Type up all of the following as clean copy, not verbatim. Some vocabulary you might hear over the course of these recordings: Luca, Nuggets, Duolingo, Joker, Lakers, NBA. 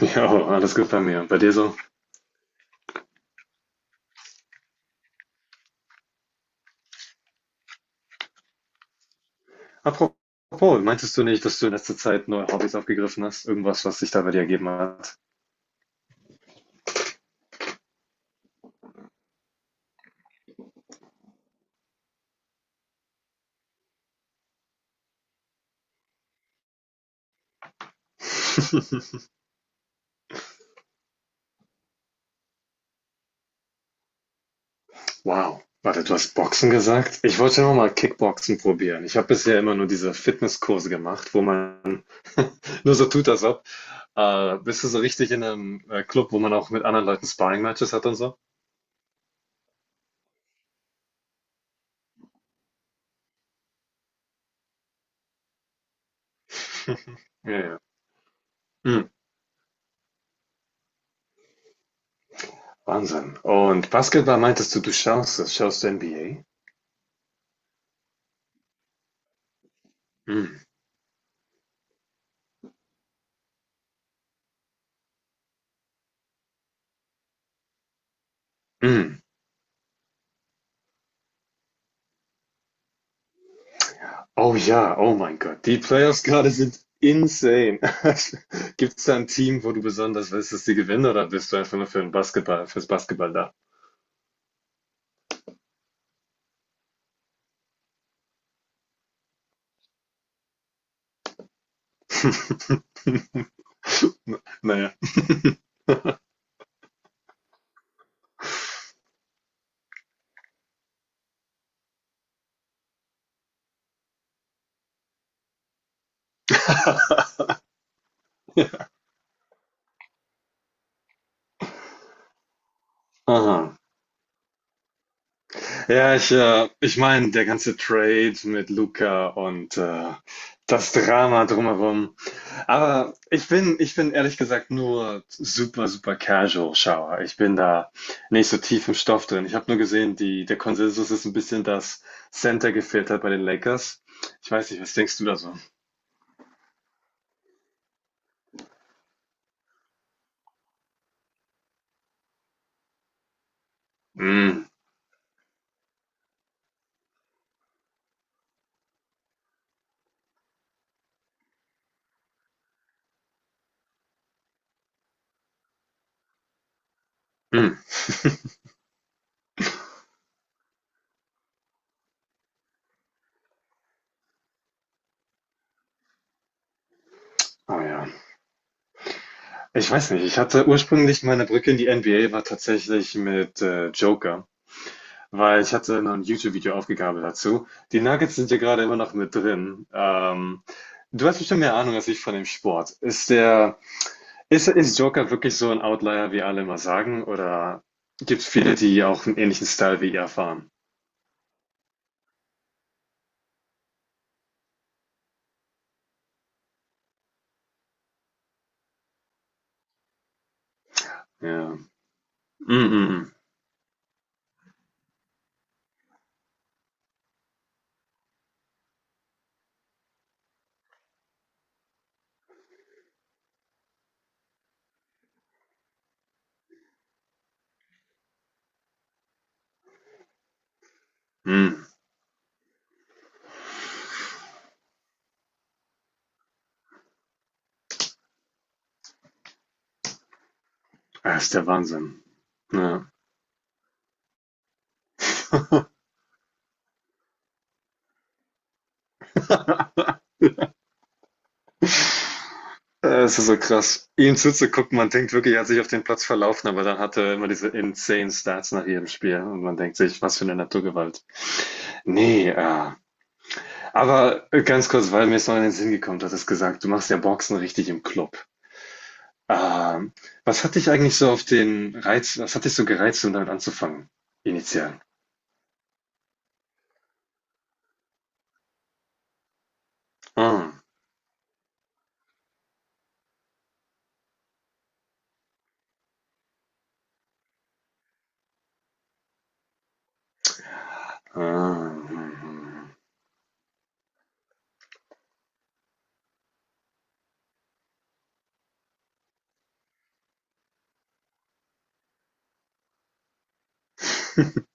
Ja, alles gut bei mir. Bei dir so? Apropos, meintest du nicht, dass du in letzter Zeit neue Hobbys aufgegriffen hast? Irgendwas, was sich da bei dir ergeben hat? Wow. Warte, du hast Boxen gesagt? Ich wollte noch mal Kickboxen probieren. Ich habe bisher immer nur diese Fitnesskurse gemacht, wo man nur so tut, als ob. Bist du so richtig in einem Club, wo man auch mit anderen Leuten Sparring-Matches hat und so? Ja, ja. Hm, Wahnsinn. Und Basketball meintest du, du schaust es? Schaust du NBA? Hm, hm. Oh ja, oh mein Gott, die Playoffs gerade sind insane. Gibt es da ein Team, wo du besonders willst, dass die gewinnen, oder bist du einfach nur für den Basketball, fürs Basketball da? Naja. Aha. Ja, ich meine, der ganze Trade mit Luca und das Drama drumherum. Aber ich bin ehrlich gesagt nur super, super casual Schauer. Ich bin da nicht so tief im Stoff drin. Ich habe nur gesehen, die, der Konsensus ist ein bisschen, dass Center gefehlt hat bei den Lakers. Ich weiß nicht, was denkst du da so? Mm, mm. Oh ja. Ich weiß nicht. Ich hatte ursprünglich meine Brücke in die NBA war tatsächlich mit Joker, weil ich hatte noch ein YouTube-Video aufgegabelt dazu. Die Nuggets sind ja gerade immer noch mit drin. Du hast bestimmt mehr Ahnung als ich von dem Sport. Ist Joker wirklich so ein Outlier, wie alle immer sagen? Oder gibt es viele, die auch einen ähnlichen Style wie ihr fahren? Ja. Mm, mm, mm. Mm. Das ist der Wahnsinn. Ja. Es ist so krass, ihm zuzugucken. Man denkt wirklich, er hat sich auf den Platz verlaufen, aber dann hat er immer diese insane Stats nach jedem Spiel und man denkt sich, was für eine Naturgewalt. Nee, aber ganz kurz, weil mir es noch in den Sinn gekommen hat, es gesagt, du machst ja Boxen richtig im Club. Ah, was hat dich eigentlich so auf den Reiz was hat dich so gereizt, um damit anzufangen, initial? Ah, ah, mhm.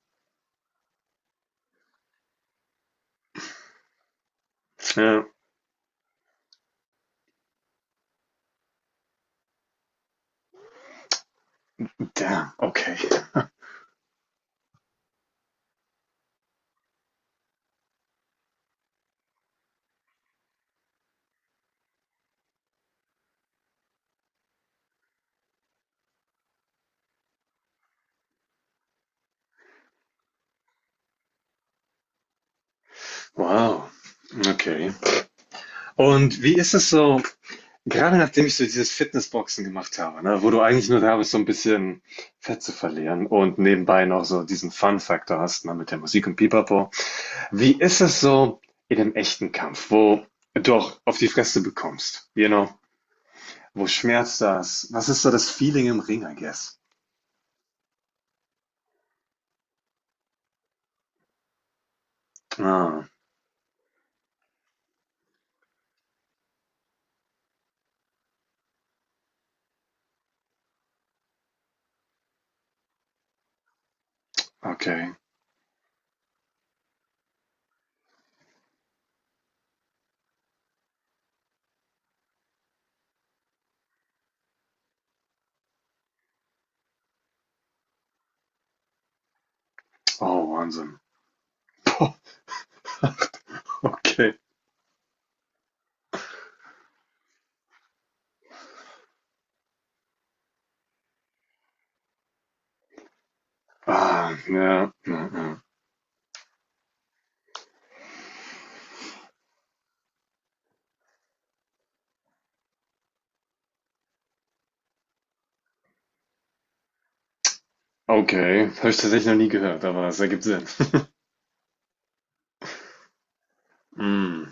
Ja, damn, okay. Wow, okay. Und wie ist es so, gerade nachdem ich so dieses Fitnessboxen gemacht habe, ne, wo du eigentlich nur da bist, so ein bisschen Fett zu verlieren und nebenbei noch so diesen Fun-Faktor hast, ne, mit der Musik und Pipapo. Wie ist es so in dem echten Kampf, wo du auch auf die Fresse bekommst, you know? Wo schmerzt das? Was ist so das Feeling im Ring, I guess? Ah, okay. Oh, Wahnsinn. Boah, okay. Ah, ja, ja, ja. Okay, habe ich tatsächlich noch nie gehört, aber es ergibt Sinn. Mm,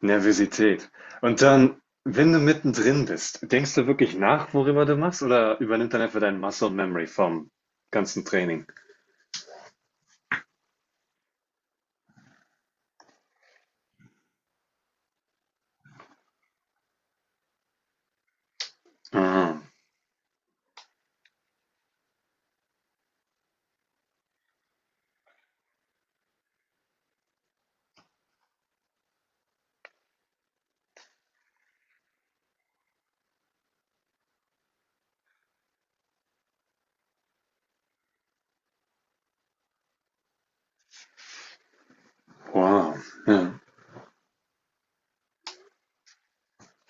Nervosität. Und dann, wenn du mittendrin bist, denkst du wirklich nach, worüber du machst, oder übernimmt dann einfach dein Muscle Memory vom ganzen Training? Ah, wow. Ja.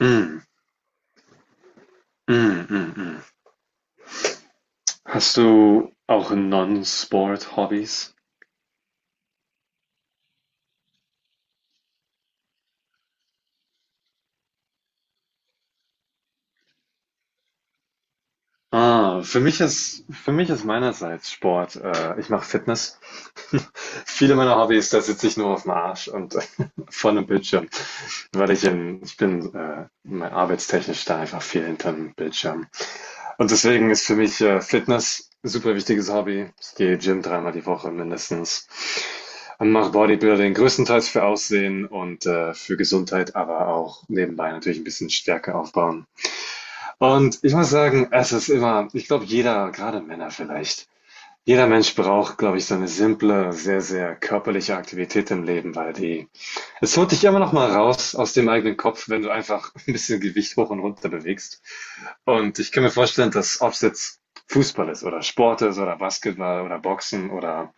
Mm, mm, mm, mm. Hast du auch Non-Sport-Hobbys? Ah, für mich ist meinerseits Sport. Ich mache Fitness. Viele meiner Hobbys, da sitze ich nur auf dem Arsch und vor einem Bildschirm, weil ich bin arbeitstechnisch da einfach viel hinterm Bildschirm. Und deswegen ist für mich Fitness ein super wichtiges Hobby. Ich gehe Gym dreimal die Woche mindestens und mache Bodybuilding größtenteils für Aussehen und für Gesundheit, aber auch nebenbei natürlich ein bisschen Stärke aufbauen. Und ich muss sagen, es ist immer ich glaube, jeder, gerade Männer vielleicht jeder Mensch braucht, glaube ich, so eine simple, sehr, sehr körperliche Aktivität im Leben, weil die es holt dich immer noch mal raus aus dem eigenen Kopf, wenn du einfach ein bisschen Gewicht hoch und runter bewegst. Und ich kann mir vorstellen, dass ob es jetzt Fußball ist oder Sport ist oder Basketball oder Boxen oder,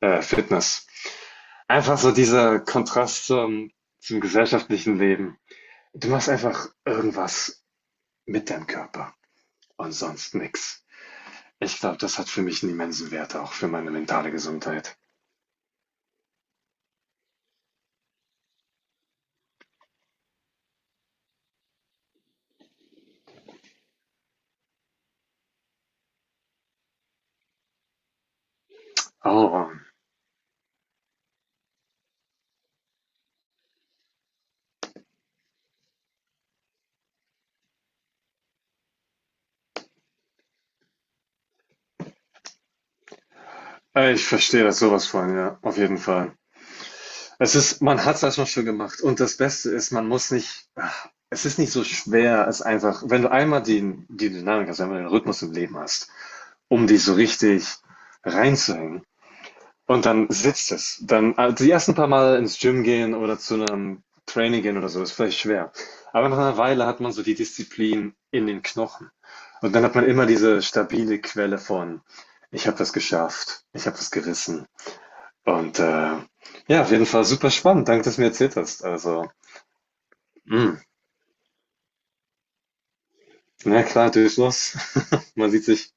Fitness, einfach so dieser Kontrast zum zum gesellschaftlichen Leben. Du machst einfach irgendwas mit deinem Körper und sonst nix. Ich glaube, das hat für mich einen immensen Wert, auch für meine mentale Gesundheit. Aber ich verstehe das sowas von, ja, auf jeden Fall. Es ist, man hat es erstmal schon gemacht und das Beste ist, man muss nicht, ach, es ist nicht so schwer, es einfach, wenn du einmal die Dynamik hast, einmal den Rhythmus im Leben hast, um dich so richtig reinzuhängen und dann sitzt es. Dann, also die ersten paar Mal ins Gym gehen oder zu einem Training gehen oder so, ist vielleicht schwer. Aber nach einer Weile hat man so die Disziplin in den Knochen. Und dann hat man immer diese stabile Quelle von, ich habe das geschafft, ich habe das gerissen. Und ja, auf jeden Fall super spannend. Danke, dass du mir erzählt hast. Also, mh, na klar, durchs Los. Man sieht sich.